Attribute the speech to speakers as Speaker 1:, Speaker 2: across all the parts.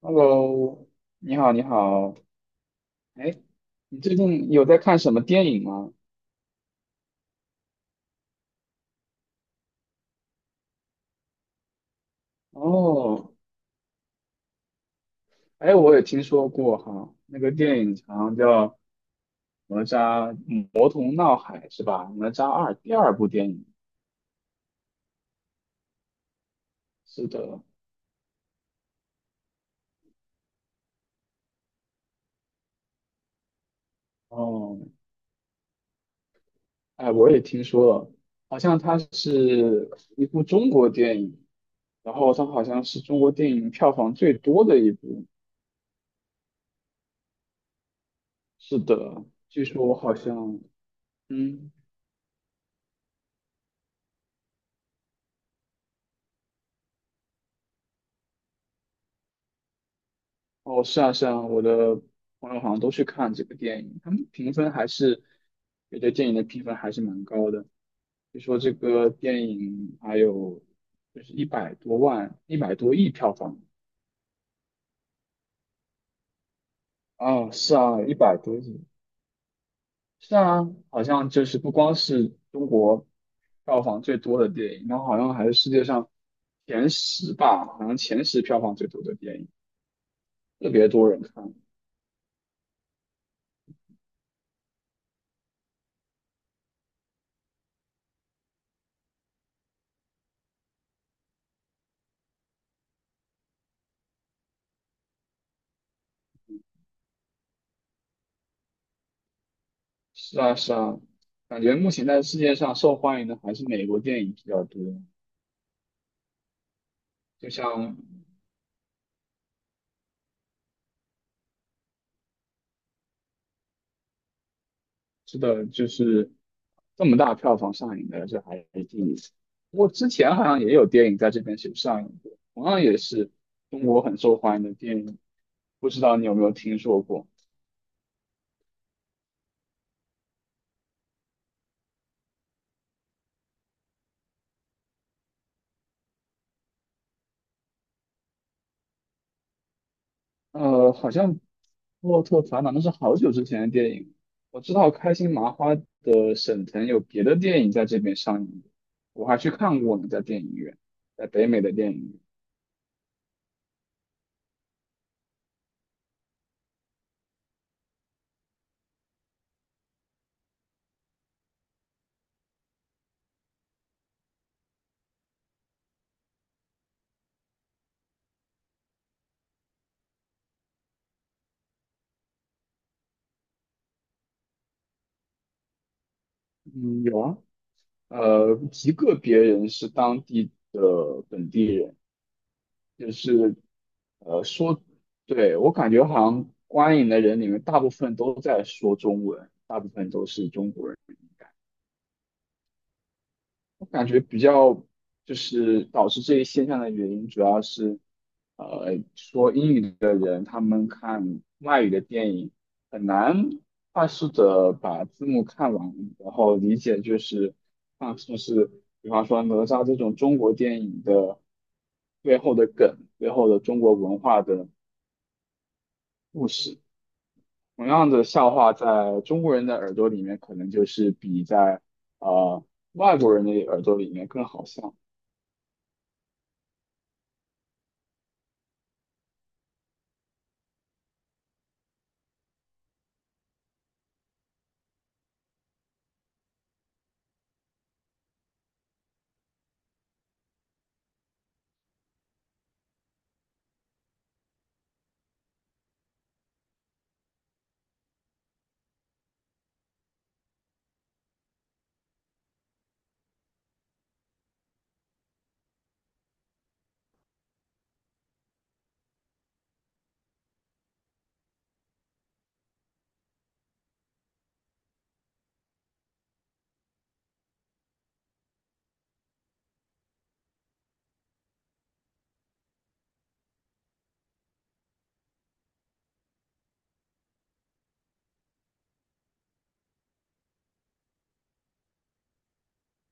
Speaker 1: Hello，你好，你好。哎，你最近有在看什么电影吗？哦，哎，我也听说过哈，那个电影好像叫《哪吒魔童闹海》是吧？《哪吒二》第二部电影。是的，哦，哎，我也听说了，好像它是一部中国电影，然后它好像是中国电影票房最多的一部。是的，据说好像，嗯。哦，是啊，是啊，我的朋友好像都去看这个电影，他们评分还是对这电影的评分还是蛮高的，据说这个电影还有就是一百多万、一百多亿票房啊，是啊，一百多亿，是啊，好像就是不光是中国票房最多的电影，然后好像还是世界上前十吧，好像前十票房最多的电影，特别多人看。是啊，是啊，感觉目前在世界上受欢迎的还是美国电影比较多。就像是的，就是这么大票房上映的，这还是第一次。不过之前好像也有电影在这边是有上映过，同样也是中国很受欢迎的电影，不知道你有没有听说过？好像《洛特烦恼》那是好久之前的电影。我知道开心麻花的沈腾有别的电影在这边上映，我还去看过呢，在电影院，在北美的电影院。嗯，有啊。极个别人是当地的本地人，就是说，对，我感觉好像观影的人里面大部分都在说中文，大部分都是中国人。我感觉比较就是导致这一现象的原因，主要是，说英语的人他们看外语的电影很难快速的把字幕看完，然后理解就是啊，就是比方说哪吒这种中国电影的背后的梗，背后的中国文化的故事。同样的笑话，在中国人的耳朵里面，可能就是比在呃外国人的耳朵里面更好笑。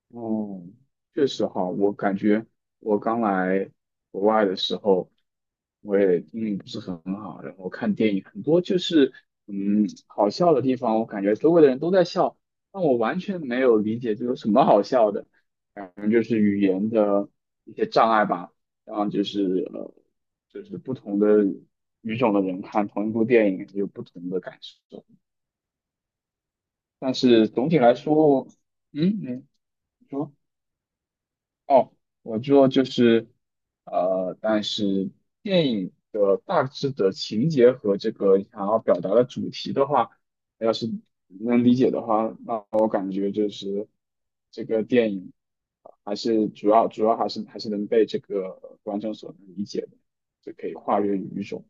Speaker 1: 哦，确实哈，我感觉我刚来国外的时候，我也英语不是很好，然后看电影很多就是好笑的地方，我感觉周围的人都在笑，但我完全没有理解这有什么好笑的，感觉就是语言的一些障碍吧，然后就是呃就是不同的语种的人看同一部电影有不同的感受，但是总体来说，嗯，你说。哦，我做就是，但是电影的大致的情节和这个想要表达的主题的话，要是能理解的话，那我感觉就是这个电影还是主要还是能被这个观众所能理解的，就可以跨越语种。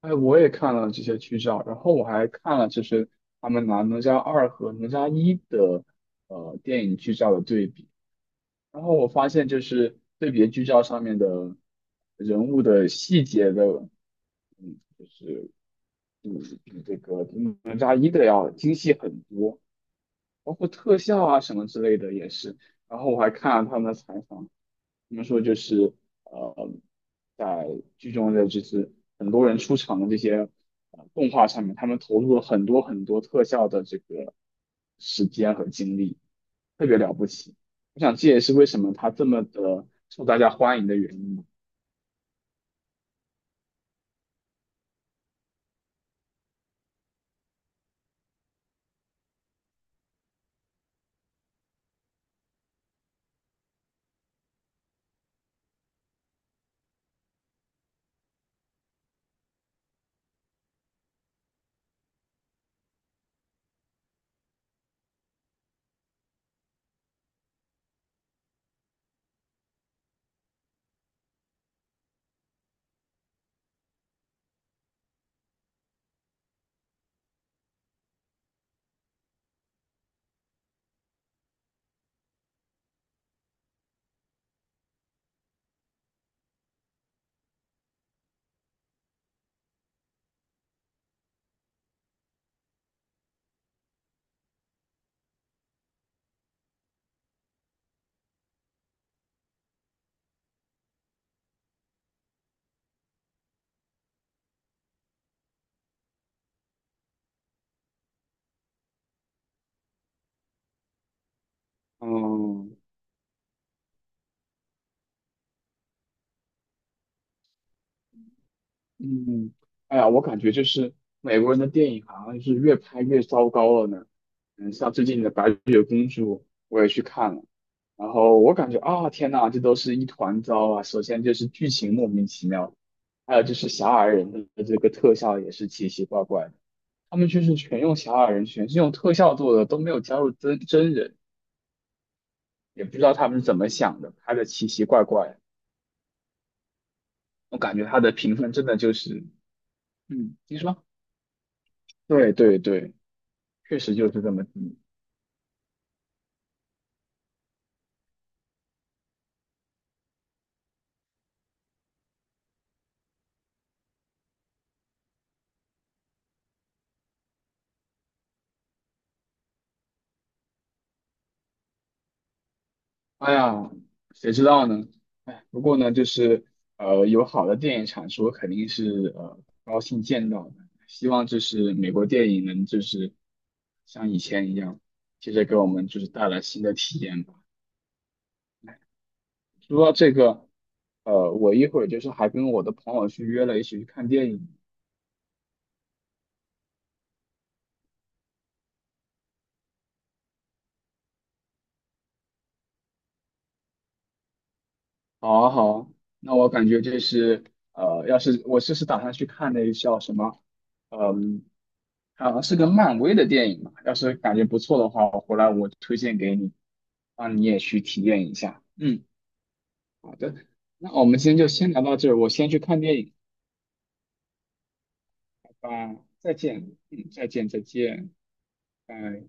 Speaker 1: 哎，我也看了这些剧照，然后我还看了就是他们拿《哪吒二》和《哪吒一》的电影剧照的对比。然后我发现就是对比剧照上面的人物的细节的，嗯，就是比比这个比哪吒一的要精细很多，包括特效啊什么之类的也是。然后我还看了他们的采访，怎们说就是呃，在剧中的就是很多人出场的这些动画上面，他们投入了很多特效的这个时间和精力，特别了不起。我想这也是为什么它这么的受大家欢迎的原因吧。嗯，嗯，哎呀，我感觉就是美国人的电影好像是越拍越糟糕了呢。嗯，像最近的《白雪公主》，我也去看了，然后我感觉啊，天呐，这都是一团糟啊！首先就是剧情莫名其妙，还有就是小矮人的这个特效也是奇奇怪怪的，他们就是全用小矮人，全是用特效做的，都没有加入真人，也不知道他们是怎么想的，拍的奇奇怪怪。我感觉他的评分真的就是，嗯，你说？对对对。确实就是这么低。哎呀，谁知道呢？哎，不过呢，就是有好的电影产出，肯定是高兴见到的。希望就是美国电影能就是像以前一样，接着给我们就是带来新的体验吧。说到这个，我一会儿就是还跟我的朋友去约了一起去看电影。好啊好啊，那我感觉就是，要是我就是打算去看那个叫什么，嗯，好像是个漫威的电影嘛，要是感觉不错的话，我回来我推荐给你，让你也去体验一下。嗯，好的，那我们今天就先聊到这儿，我先去看电影，吧，再见，嗯，再见，再见，拜。